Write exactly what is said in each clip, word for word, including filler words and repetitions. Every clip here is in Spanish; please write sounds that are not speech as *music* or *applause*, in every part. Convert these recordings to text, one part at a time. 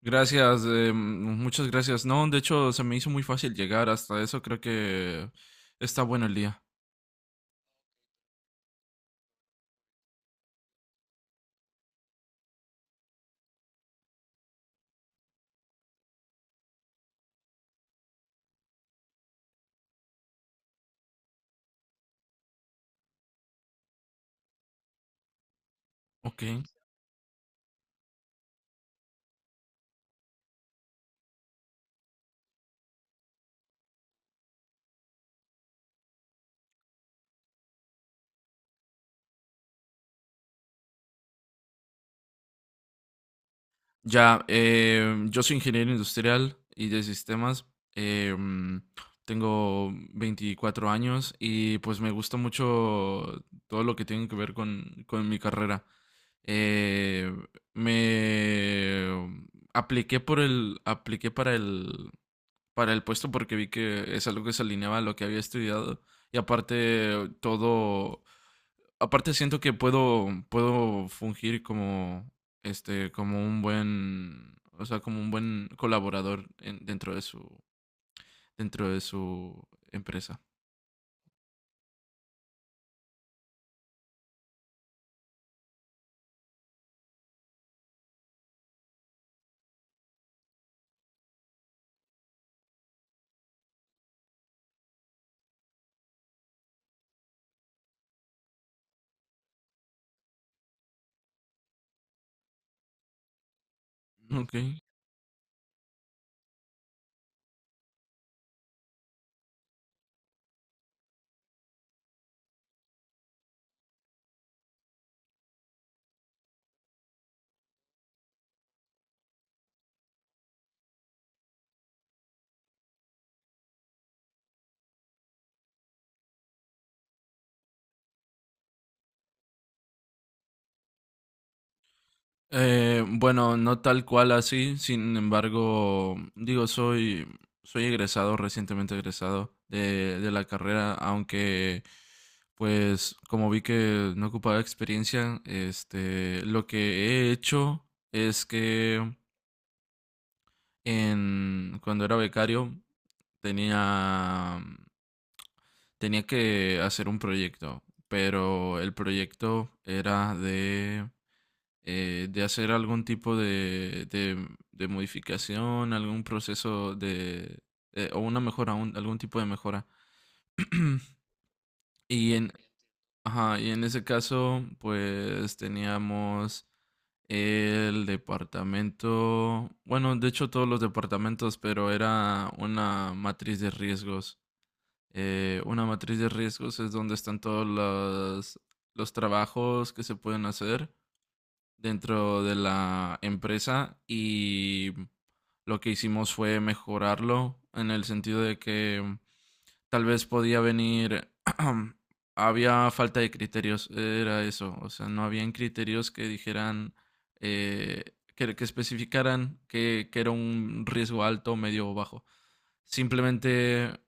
Gracias, eh, muchas gracias. No, de hecho, se me hizo muy fácil llegar hasta eso. Creo que está bueno el día. Ok. Ya, eh, yo soy ingeniero industrial y de sistemas. eh, mm, Tengo veinticuatro años y pues me gusta mucho todo lo que tiene que ver con, con mi carrera. Eh, me apliqué por el, Apliqué para el, para el puesto porque vi que es algo que se alineaba a lo que había estudiado. Y aparte, todo. Aparte, siento que puedo, puedo fungir como, este, como un buen, o sea, como un buen colaborador en- dentro de su, dentro de su empresa. Ok. Eh, bueno, no tal cual así, sin embargo, digo, soy, soy egresado, recientemente egresado de, de la carrera, aunque pues como vi que no ocupaba experiencia, este, lo que he hecho es que en, cuando era becario tenía, tenía que hacer un proyecto, pero el proyecto era de eh, de hacer algún tipo de, de- de modificación, algún proceso de, eh, o una mejora, un- algún tipo de mejora. Y en, ajá, y en ese caso, pues teníamos el departamento, bueno, de hecho todos los departamentos, pero era una matriz de riesgos. Eh, una matriz de riesgos es donde están todos los, los trabajos que se pueden hacer dentro de la empresa y lo que hicimos fue mejorarlo en el sentido de que mm, tal vez podía venir, *clears throat* había falta de criterios, era eso, o sea, no habían criterios que dijeran, eh, que, que especificaran que, que era un riesgo alto, medio o bajo. Simplemente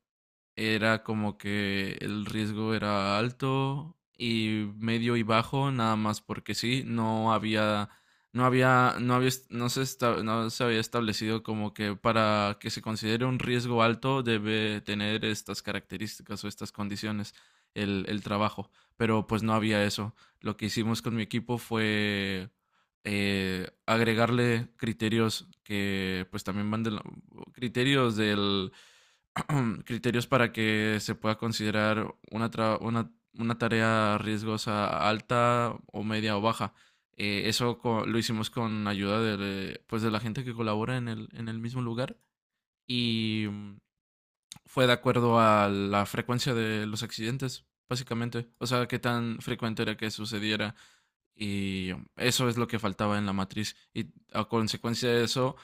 era como que el riesgo era alto y medio y bajo, nada más porque sí, no había, no había, no había, no se esta- no se había establecido como que para que se considere un riesgo alto debe tener estas características o estas condiciones el, el trabajo, pero pues no había eso. Lo que hicimos con mi equipo fue eh, agregarle criterios que pues también van de la- criterios del *clears throat* criterios para que se pueda considerar una, tra- una, una tarea riesgosa alta o media o baja. Eh, eso co- lo hicimos con ayuda de, pues, de la gente que colabora en el, en el mismo lugar y mm, fue de acuerdo a la frecuencia de los accidentes, básicamente. O sea, qué tan frecuente era que sucediera y eso es lo que faltaba en la matriz. Y a consecuencia de eso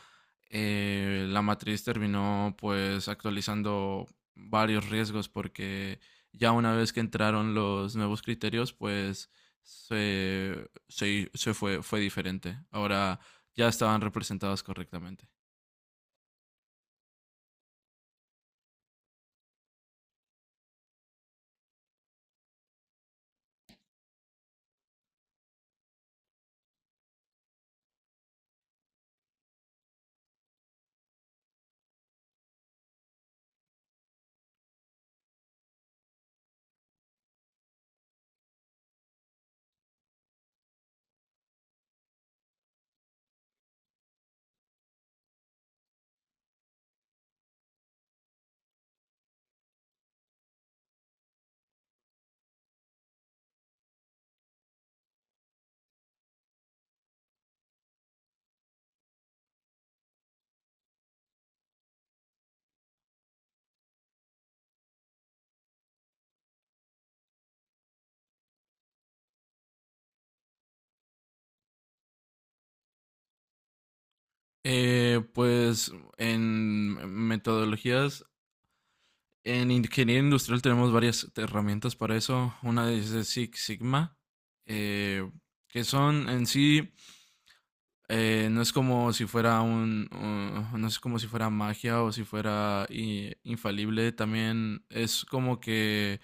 eh, la matriz terminó pues actualizando varios riesgos porque ya una vez que entraron los nuevos criterios, pues se, se, se fue, fue diferente. Ahora ya estaban representadas correctamente. Eh, pues en metodologías, en ingeniería industrial tenemos varias herramientas para eso. Una es de Six Sigma, eh, que son en sí Eh, no es como si fuera un, uh, no es como si fuera magia o si fuera i- infalible. También es como que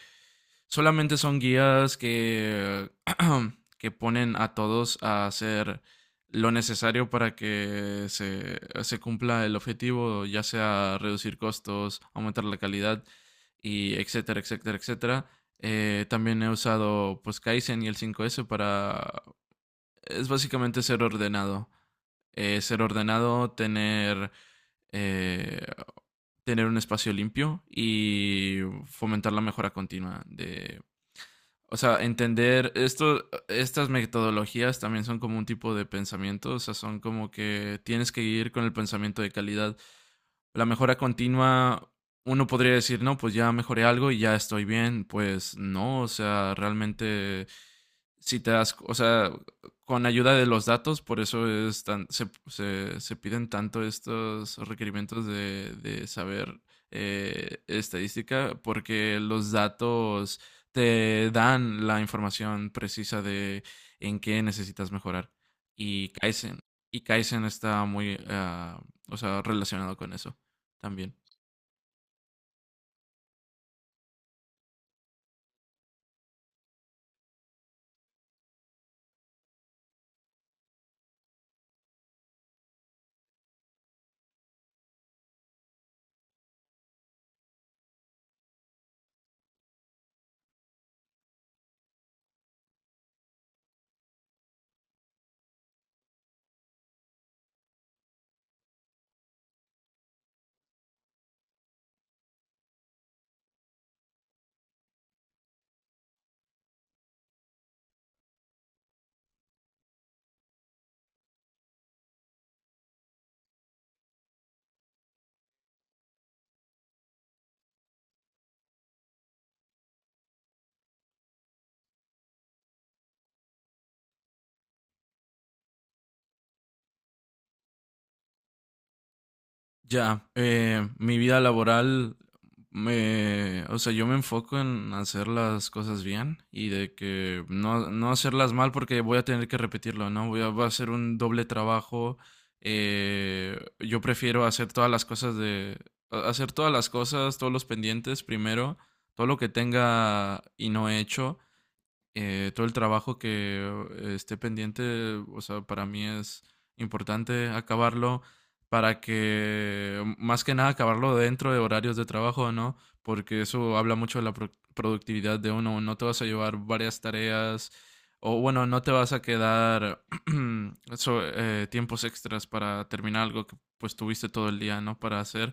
solamente son guías que, *clears throat* que ponen a todos a hacer lo necesario para que se, se cumpla el objetivo, ya sea reducir costos, aumentar la calidad y etcétera, etcétera, etcétera. Eh, también he usado pues Kaizen y el cinco ese para, es básicamente ser ordenado eh, ser ordenado, tener, eh, tener un espacio limpio y fomentar la mejora continua de o sea, entender esto, estas metodologías también son como un tipo de pensamiento, o sea, son como que tienes que ir con el pensamiento de calidad. La mejora continua, uno podría decir, no, pues ya mejoré algo y ya estoy bien. Pues no, o sea, realmente, si te das, o sea, con ayuda de los datos, por eso es tan, se, se, se piden tanto estos requerimientos de, de saber eh, estadística, porque los datos te dan la información precisa de en qué necesitas mejorar. Y Kaizen, y Kaizen está muy, uh, o sea, relacionado con eso también. Ya, eh, Mi vida laboral Me, o sea, yo me enfoco en hacer las cosas bien y de que no, no hacerlas mal porque voy a tener que repetirlo, ¿no? Voy a, va a ser un doble trabajo. Eh, yo prefiero hacer todas las cosas de, a- hacer todas las cosas, todos los pendientes primero, todo lo que tenga y no he hecho eh, todo el trabajo que eh, esté pendiente, o sea, para mí es importante acabarlo para que, mm, más que nada, acabarlo dentro de horarios de trabajo, ¿no? Porque eso habla mucho de la pro- productividad de uno. No te vas a llevar varias tareas o, bueno, no te vas a quedar *clears throat* so- eh, tiempos extras para terminar algo que pues tuviste todo el día, ¿no? Para hacer.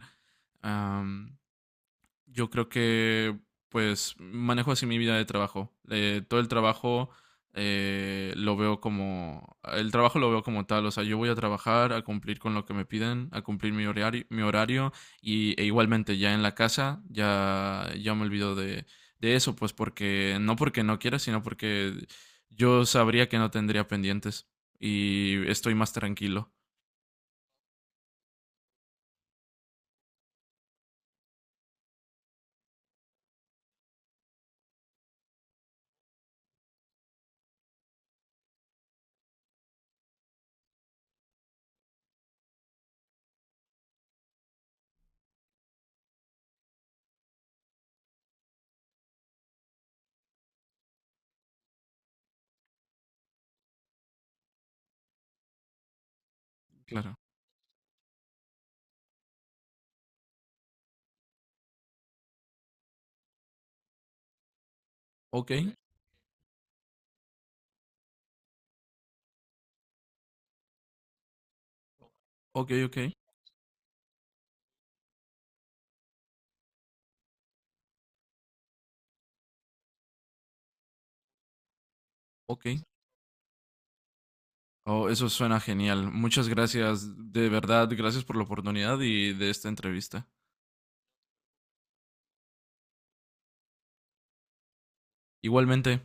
Yo creo que pues manejo así mi vida de trabajo. Eh, todo el trabajo eh, lo veo como, el trabajo lo veo como tal, o sea, yo voy a trabajar, a cumplir con lo que me piden, a cumplir mi horario, mi horario y, e igualmente ya en la casa ya, ya me olvido de, de eso, pues porque, no porque no quiera, sino porque yo sabría que no tendría pendientes y estoy más tranquilo, claro. Ok, ok, ok, ok. Oh, eso suena genial. Muchas gracias, de verdad, gracias por la oportunidad y de esta entrevista. Igualmente.